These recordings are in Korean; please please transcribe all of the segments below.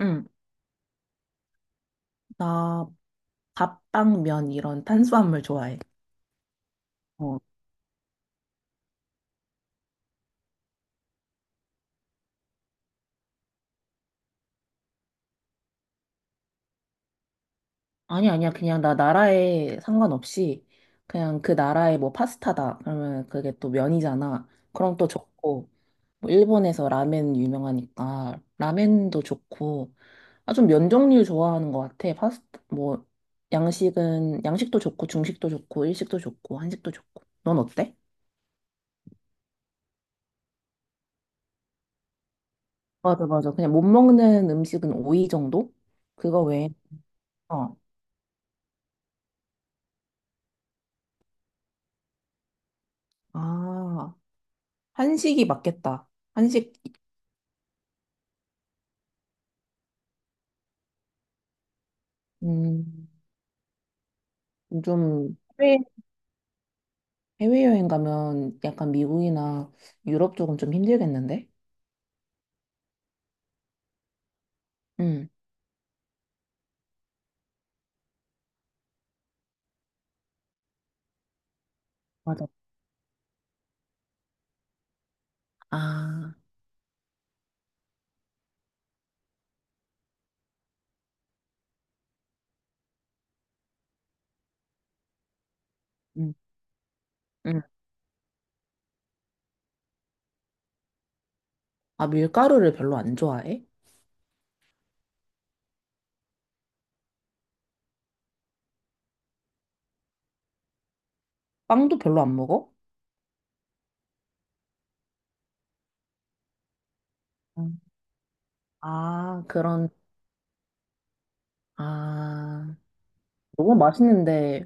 응, 나 밥빵, 면 이런 탄수화물 좋아해. 어, 아니, 아니야. 그냥 나 나라에 상관없이 그냥 그 나라의 뭐 파스타다. 그러면 그게 또 면이잖아. 그럼 또 좋고. 뭐 일본에서 라멘 유명하니까 라멘도 좋고. 아, 좀 면 종류 좋아하는 것 같아. 파스타, 뭐, 양식은, 양식도 좋고, 중식도 좋고, 일식도 좋고, 한식도 좋고. 넌 어때? 맞아, 맞아. 그냥 못 먹는 음식은 오이 정도? 그거 외에, 어. 아, 한식이 맞겠다. 한식, 음, 좀, 해외, 해외여행 가면 약간 미국이나 유럽 쪽은 좀 힘들겠는데? 응, 맞아. 아, 응, 응. 아, 밀가루를 별로 안 좋아해? 빵도 별로 안 먹어? 응. 아, 그런, 아, 너무 맛있는데,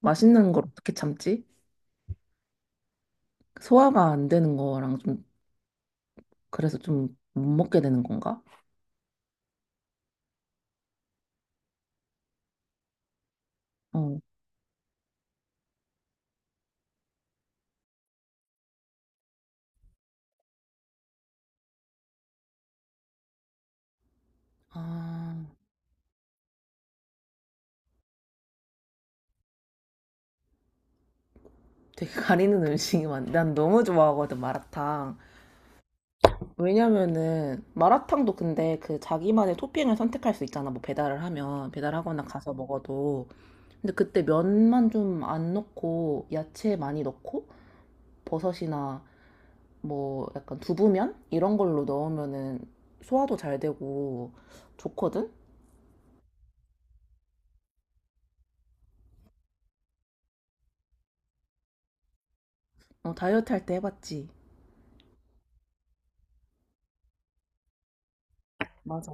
맛있는 걸 어떻게 참지? 소화가 안 되는 거랑 좀, 그래서 좀 못 먹게 되는 건가? 어. 아, 되게 가리는 음식이 많네. 난 너무 좋아하거든, 마라탕. 왜냐면은 마라탕도 근데 그 자기만의 토핑을 선택할 수 있잖아. 뭐 배달을 하면 배달하거나 가서 먹어도. 근데 그때 면만 좀 안 넣고 야채 많이 넣고 버섯이나 뭐 약간 두부면 이런 걸로 넣으면은 소화도 잘 되고 좋거든. 어, 다이어트 할 때 해봤지. 맞아.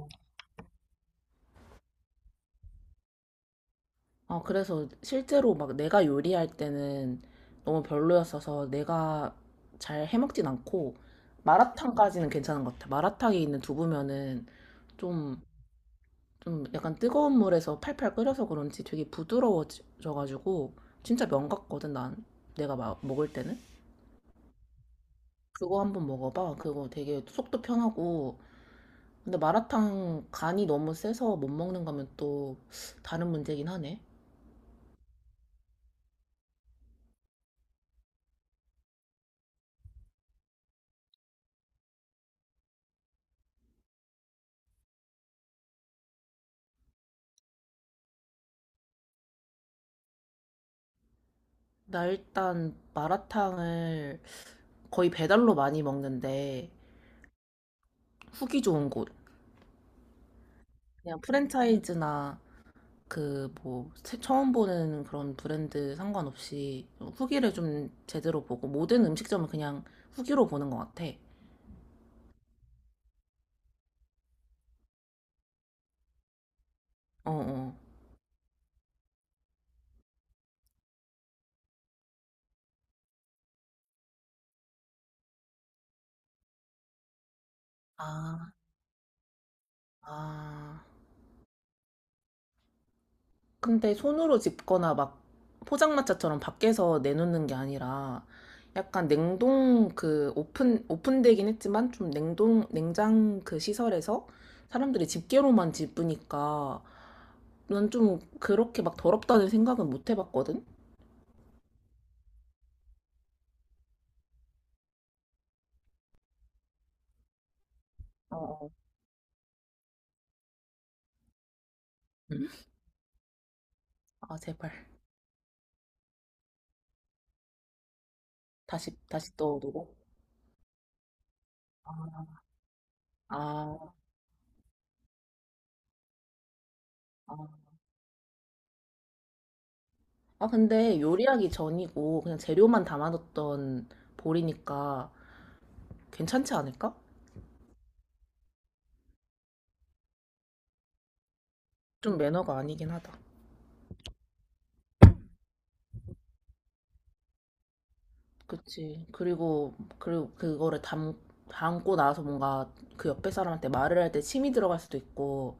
아, 그래서 실제로 막 내가 요리할 때는 너무 별로였어서 내가 잘 해먹진 않고 마라탕까지는 괜찮은 것 같아. 마라탕에 있는 두부면은 좀, 좀 약간 뜨거운 물에서 팔팔 끓여서 그런지 되게 부드러워져가지고 진짜 면 같거든, 난. 내가 먹을 때는. 그거 한번 먹어봐. 그거 되게 속도 편하고. 근데 마라탕 간이 너무 세서 못 먹는 거면 또 다른 문제긴 하네. 나 일단 마라탕을 거의 배달로 많이 먹는데 후기 좋은 곳. 그냥 프랜차이즈나 그 뭐 처음 보는 그런 브랜드 상관없이 후기를 좀 제대로 보고 모든 음식점은 그냥 후기로 보는 것 같아. 어, 어. 아, 아. 근데 손으로 집거나 막 포장마차처럼 밖에서 내놓는 게 아니라 약간 냉동 그 오픈되긴 했지만 좀 냉동 냉장 그 시설에서 사람들이 집게로만 집으니까 난 좀 그렇게 막 더럽다는 생각은 못 해봤거든? 어, 어. 음. 아, 제발. 다시, 다시 떠오르고. 아, 아. 아, 근데 요리하기 전이고 그냥 재료만 담아뒀던 볼이니까 괜찮지 않을까? 좀 매너가 아니긴 하다. 그치. 그리고 그거를 담고 나서 뭔가 그 옆에 사람한테 말을 할 때 침이 들어갈 수도 있고,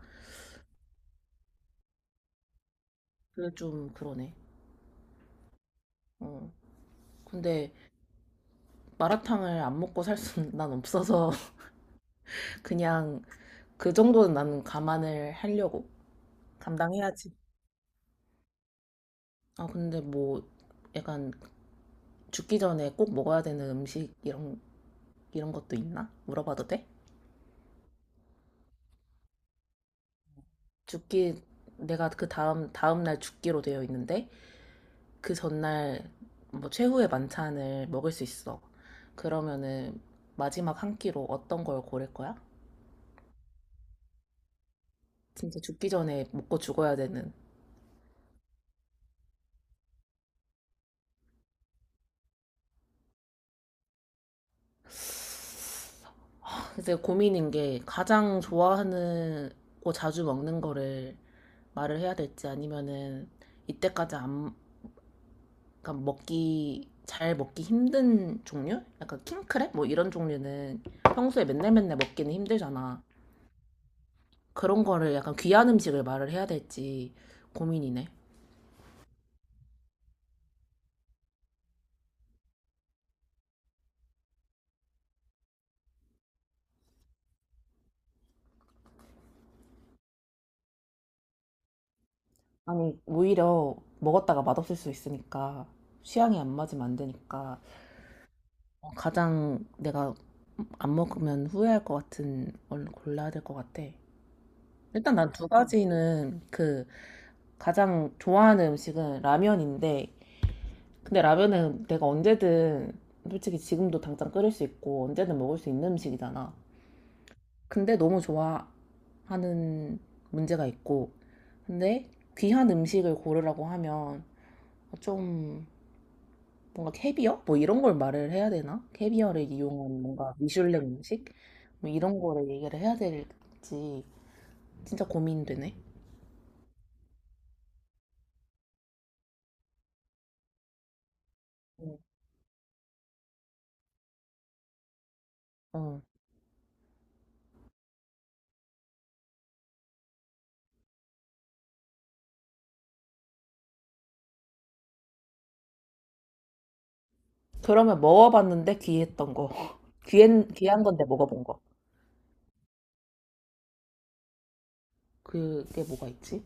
그게 좀 그러네. 어. 근데 마라탕을 안 먹고 살 수는 난 없어서 그냥 그 정도는 나는 감안을 하려고. 감당해야지. 아, 근데 뭐 약간 죽기 전에 꼭 먹어야 되는 음식 이런 것도 있나? 물어봐도 돼? 죽기 내가 그 다음 다음 날 죽기로 되어 있는데 그 전날 뭐 최후의 만찬을 먹을 수 있어. 그러면은 마지막 한 끼로 어떤 걸 고를 거야? 진짜 죽기 전에 먹고 죽어야 되는. 그래서 고민인 게 가장 좋아하는 거 자주 먹는 거를 말을 해야 될지 아니면은 이때까지 안, 그러니까 먹기 잘 먹기 힘든 종류? 약간 킹크랩 뭐 이런 종류는 평소에 맨날 맨날 먹기는 힘들잖아. 그런 거를 약간 귀한 음식을 말을 해야 될지 고민이네. 아니, 오히려 먹었다가 맛없을 수 있으니까 취향이 안 맞으면 안 되니까 어, 가장 내가 안 먹으면 후회할 것 같은 걸 골라야 될 것 같아. 일단 난 두 가지는 그 가장 좋아하는 음식은 라면인데 근데 라면은 내가 언제든 솔직히 지금도 당장 끓일 수 있고 언제든 먹을 수 있는 음식이잖아. 근데 너무 좋아하는 문제가 있고 근데 귀한 음식을 고르라고 하면 좀 뭔가 캐비어? 뭐 이런 걸 말을 해야 되나? 캐비어를 이용한 뭔가 미슐랭 음식? 뭐 이런 거를 얘기를 해야 될지 진짜 고민되네. 어. 그러면 먹어봤는데 귀했던 거. 귀한, 귀한 건데 먹어본 거. 그게 뭐가 있지?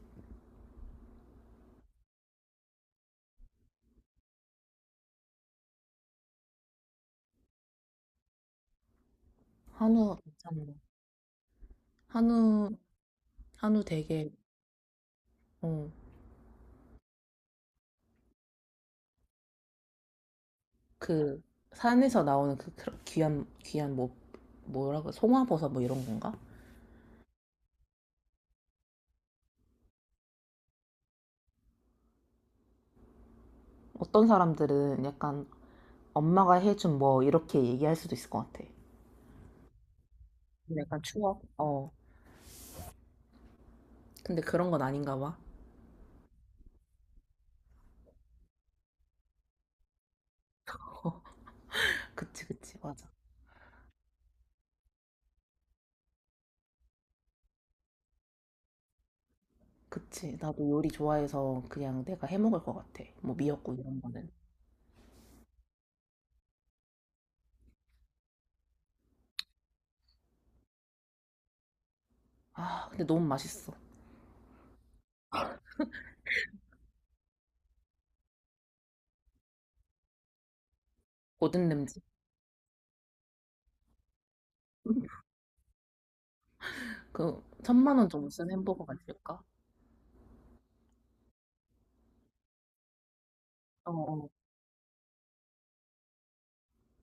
한우 괜찮은 한우, 한우 되게, 어, 그, 산에서 나오는 그 귀한, 귀한, 뭐, 뭐라고, 송화버섯 뭐 이런 건가? 어떤 사람들은 약간 엄마가 해준 뭐 이렇게 얘기할 수도 있을 것 같아. 약간 추억. 어, 근데 그런 건 아닌가 봐. 그치, 그치, 맞아. 그치, 나도 요리 좋아해서 그냥 내가 해 먹을 것 같아. 뭐 미역국 이런 거는. 아, 근데 너무 맛있어. 고든 램지. 그, 천만 원 정도 쓴 햄버거가 있을까? 어, 어.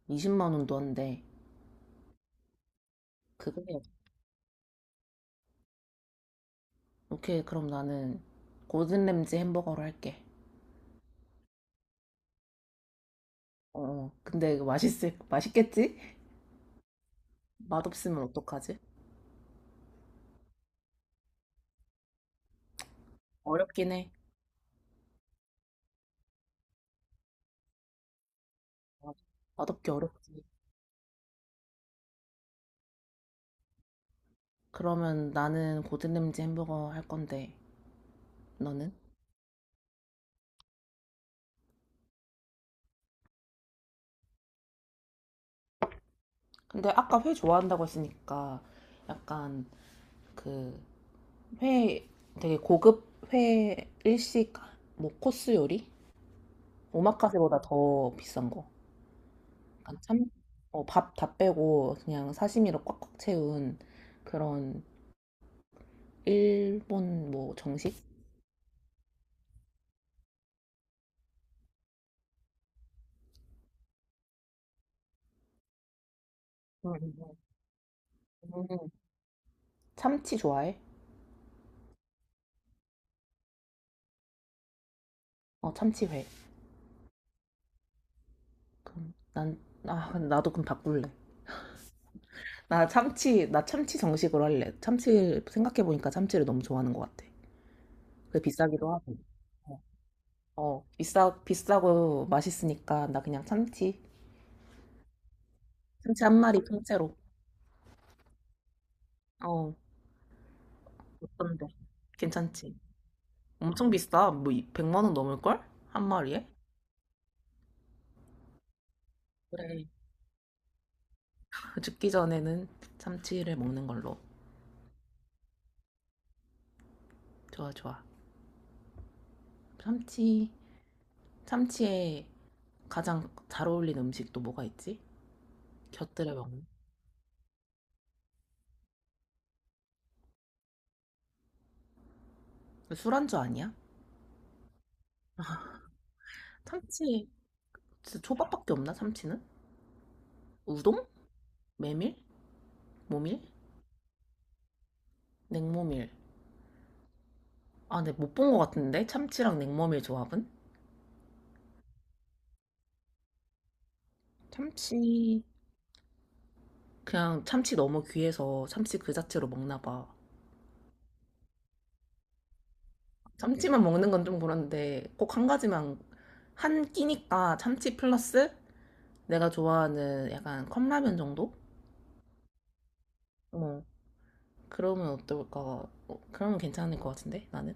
20만 원도 한데, 그거에 오케이, 그럼 나는 고든 램지 햄버거로 할게. 어, 어. 근데 이거 맛있겠지? 맛없으면 어떡하지? 어렵긴 해. 맞아. 맛없기 어렵지. 그러면 나는 고든 램지 햄버거 할 건데, 너는? 근데 아까 회 좋아한다고 했으니까 약간 그 회, 되게 고급 회 일식 뭐 코스 요리? 오마카세보다 더 비싼 거. 약간 참, 밥 다 빼고 그냥 사시미로 꽉꽉 채운 그런 일본 뭐 정식? 음, 음. 참치 좋아해? 어, 참치회. 그럼 난, 아, 근데 나도 그럼 바꿀래. 나 참치, 나 참치 정식으로 할래. 참치, 생각해보니까 참치를 너무 좋아하는 것 같아. 그게 비싸기도 하고. 어, 어, 비싸고 맛있으니까 나 그냥 참치. 참치 한 마리 통째로. 어, 어떤데? 괜찮지? 엄청 비싸. 뭐, 100만 원 넘을걸? 한 마리에? 그래. 죽기 전에는 참치를 먹는 걸로. 좋아, 좋아. 참치. 참치에 가장 잘 어울리는 음식 또 뭐가 있지? 곁들여 먹는. 술안주 아니야? 참치. 진짜 초밥밖에 없나? 참치는? 우동? 메밀? 모밀? 냉모밀. 아, 근데 못 본 것 같은데? 참치랑 냉모밀 조합은? 참치. 그냥 참치 너무 귀해서 참치 그 자체로 먹나 봐. 참치만 먹는 건 좀 그런데 꼭 한 가지만 한 끼니까 참치 플러스 내가 좋아하는 약간 컵라면 정도? 어, 그러면 어떨까? 어, 그러면 괜찮을 것 같은데 나는.